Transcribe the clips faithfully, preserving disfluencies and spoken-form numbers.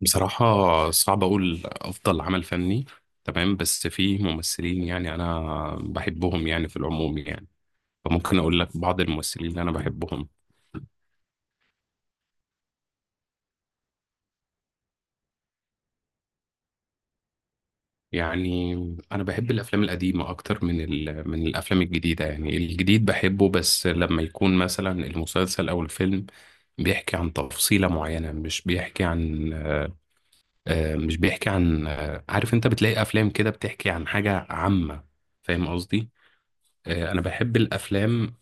بصراحة، صعب أقول أفضل عمل فني. تمام، بس في ممثلين يعني أنا بحبهم يعني في العموم يعني، فممكن أقول لك بعض الممثلين اللي أنا بحبهم. يعني أنا بحب الأفلام القديمة أكتر من ال... من الأفلام الجديدة. يعني الجديد بحبه بس لما يكون مثلا المسلسل أو الفيلم بيحكي عن تفصيلة معينة، مش بيحكي عن آه، مش بيحكي عن آه، عارف، أنت بتلاقي أفلام كده بتحكي عن حاجة عامة. فاهم قصدي؟ آه، انا بحب الافلام.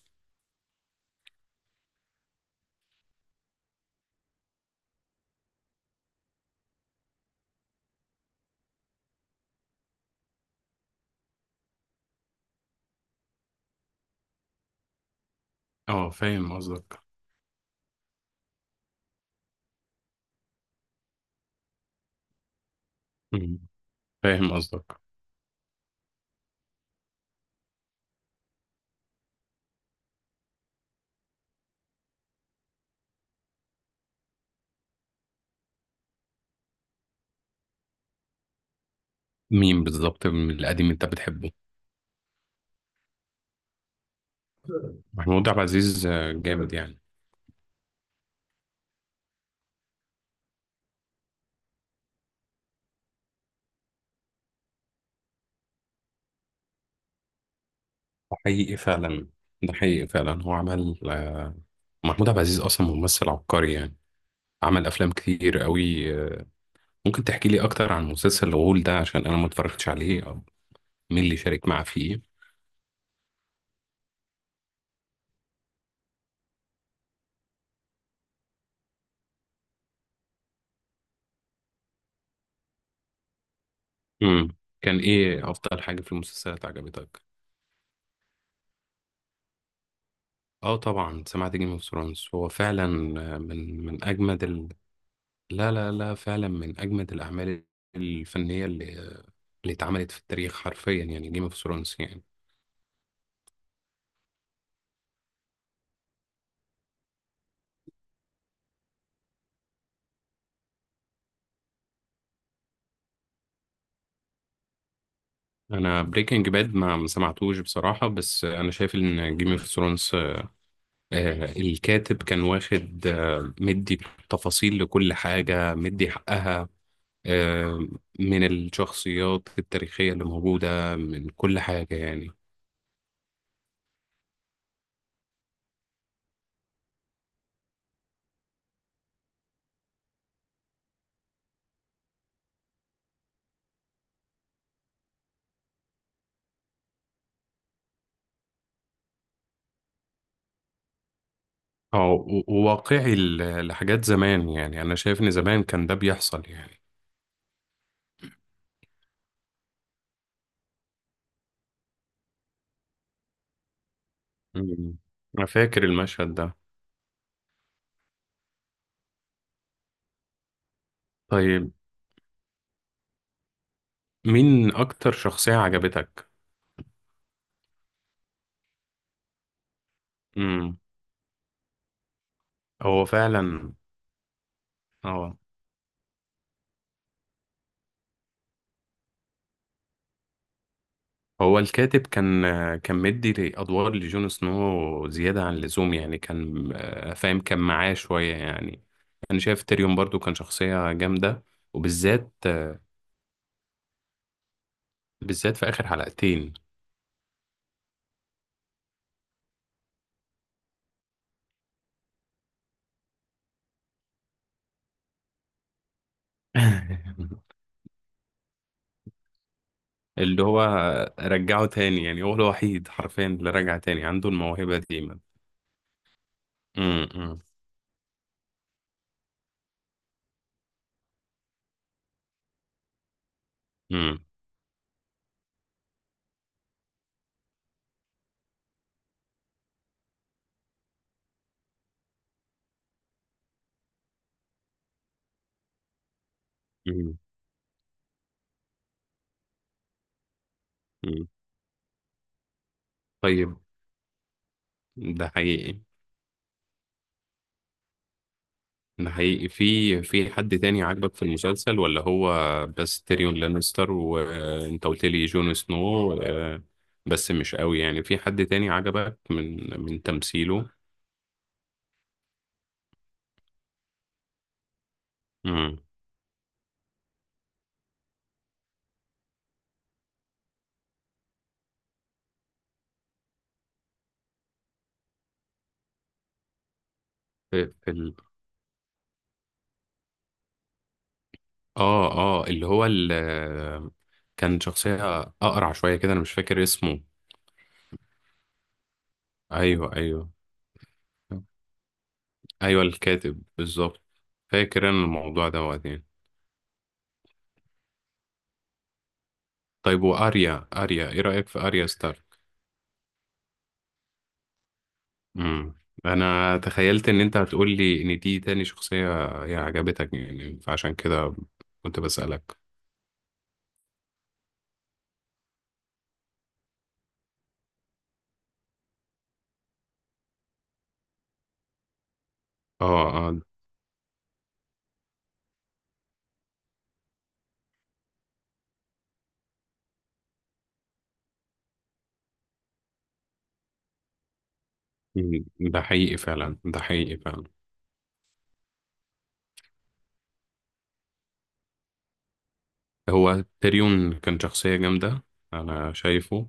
اه، فاهم قصدك. مم. فاهم قصدك. مين بالظبط من القديم انت بتحبه؟ محمود عبد العزيز آه، جامد يعني. ده حقيقي فعلا، ده حقيقي فعلا. هو عمل آه، محمود عبد العزيز اصلا ممثل عبقري يعني، عمل افلام كتير قوي آه، ممكن تحكي لي اكتر عن مسلسل الغول ده عشان انا ما اتفرجتش عليه، او مين اللي شارك معاه فيه؟ امم كان ايه افضل حاجه في المسلسلات عجبتك؟ اه طبعا سمعت جيم اوف ثرونز، هو فعلا. آه، من من اجمد. لا لا لا، فعلا من أجمد الأعمال الفنية اللي اللي اتعملت في التاريخ حرفيا، يعني جيم اوف ثرونز يعني. أنا بريكنج باد ما ما سمعتوش بصراحة، بس أنا شايف إن جيم اوف ثرونز الكاتب كان واخد آه، مدي تفاصيل لكل حاجة، مدي حقها آه، من الشخصيات التاريخية اللي موجودة، من كل حاجة يعني. أو- وواقعي ل- لحاجات زمان، يعني أنا شايف إن زمان كان ده بيحصل يعني. مم. أنا فاكر المشهد ده. طيب، مين أكتر شخصية عجبتك؟ مم. هو فعلا. اه. هو الكاتب كان كان مدي أدوار لجون سنو زيادة عن اللزوم، يعني كان آه، فاهم، كان معاه شوية يعني. أنا شايف تيريون برضو كان شخصية جامدة، وبالذات بالذات في آخر حلقتين. اللي هو رجعه تاني، يعني هو الوحيد حرفيا اللي رجع تاني عنده الموهبة دي. مم. مم. مم. مم. طيب، ده حقيقي، ده حقيقي. في في حد تاني عاجبك في المسلسل، ولا هو بس تيريون لانستر وانت قلت لي جون سنو آه، بس مش قوي يعني، في حد تاني عجبك من من تمثيله؟ امم في في ال... اه اه، اللي هو ال... كان شخصية أقرع شوية كده، أنا مش فاكر اسمه. أيوه أيوه. أيوه، الكاتب بالظبط. فاكر أنا الموضوع ده وقتين. طيب، وأريا أريا إيه رأيك في أريا ستار؟ امم انا تخيلت ان انت هتقول لي ان دي تاني شخصية هي عجبتك، يعني فعشان كده كنت بسألك. اه اه. مم، ده حقيقي فعلا، ده حقيقي فعلا. هو تيريون كان شخصية جامدة، انا شايفه.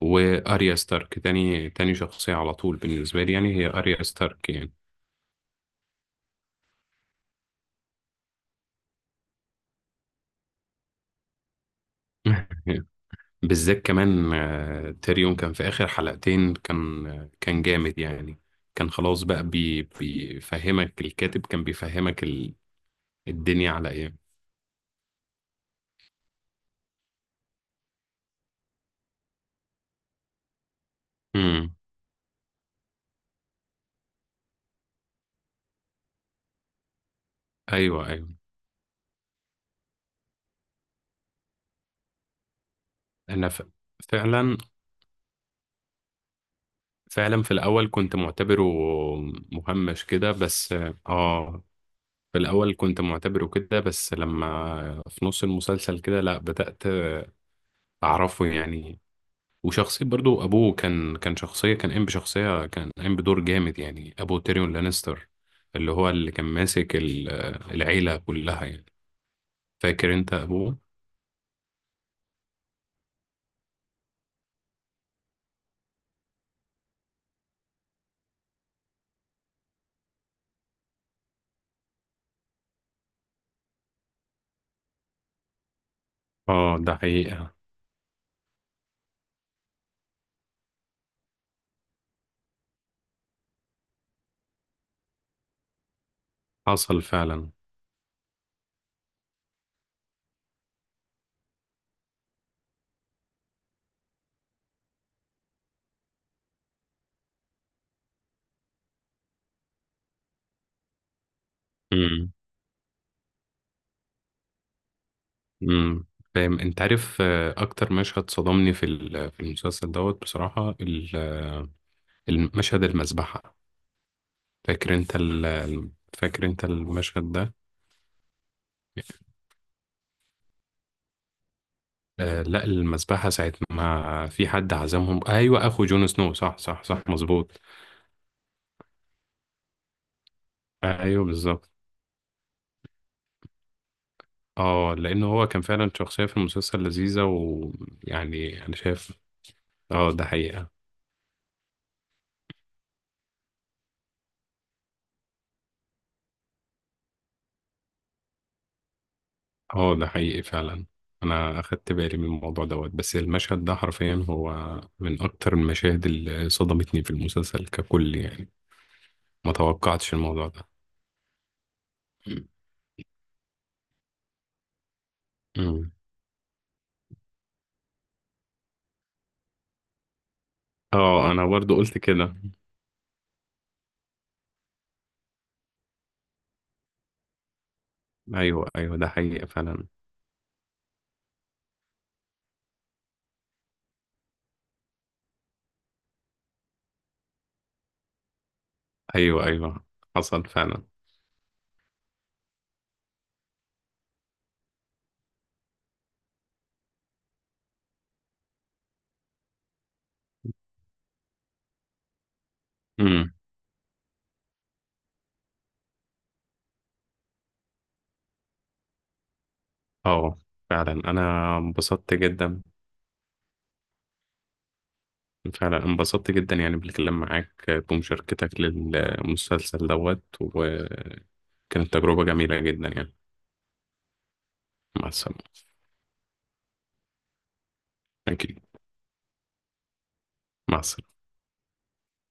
واريا ستارك تاني تاني شخصية على طول بالنسبة لي، يعني هي اريا ستارك يعني. بالذات كمان آه، تيريون كان في آخر حلقتين، كان آه، كان جامد يعني. كان خلاص بقى بي بيفهمك الكاتب، كان بيفهمك الدنيا على ايه. امم ايوه ايوه. انا ف... فعلا فعلا، في الاول كنت معتبره مهمش كده بس. اه. في الاول كنت معتبره كده، بس لما في نص المسلسل كده لا بدأت اعرفه يعني. وشخصية برضو ابوه كان كان شخصية كان قايم بشخصية كان قايم بدور جامد، يعني ابو تيريون لانستر، اللي هو اللي كان ماسك ال- العيلة كلها يعني. فاكر انت ابوه. اه ده حقيقة حصل فعلا. امم فاهم انت، عارف آه، اكتر مشهد صدمني في ال- في المسلسل دوت بصراحة، ال- آه، المشهد المذبحة. فاكر انت ال- ال- فاكر انت المشهد ده؟ آه، لا، المذبحة ساعة ما في حد عزمهم. ايوه اخو جون سنو، صح صح صح، مظبوط. ايوه بالظبط. اه، لان هو كان فعلا شخصية في المسلسل لذيذة، ويعني انا شايف. اه ده حقيقة. اه ده حقيقي فعلا. انا اخدت بالي من الموضوع دوت، بس المشهد ده حرفيا هو من اكتر المشاهد اللي صدمتني في المسلسل ككل يعني. ما توقعتش الموضوع ده. أمم. اه انا برضو قلت كده. ايوه ايوه، ده حقيقي فعلا. ايوه ايوه حصل فعلا. امم اه، فعلا انا انبسطت جدا، فعلا انبسطت جدا يعني بالكلام معاك بمشاركتك للمسلسل دوت، وكانت تجربة جميلة جدا يعني. مع السلامة. اكيد. مع السلامة.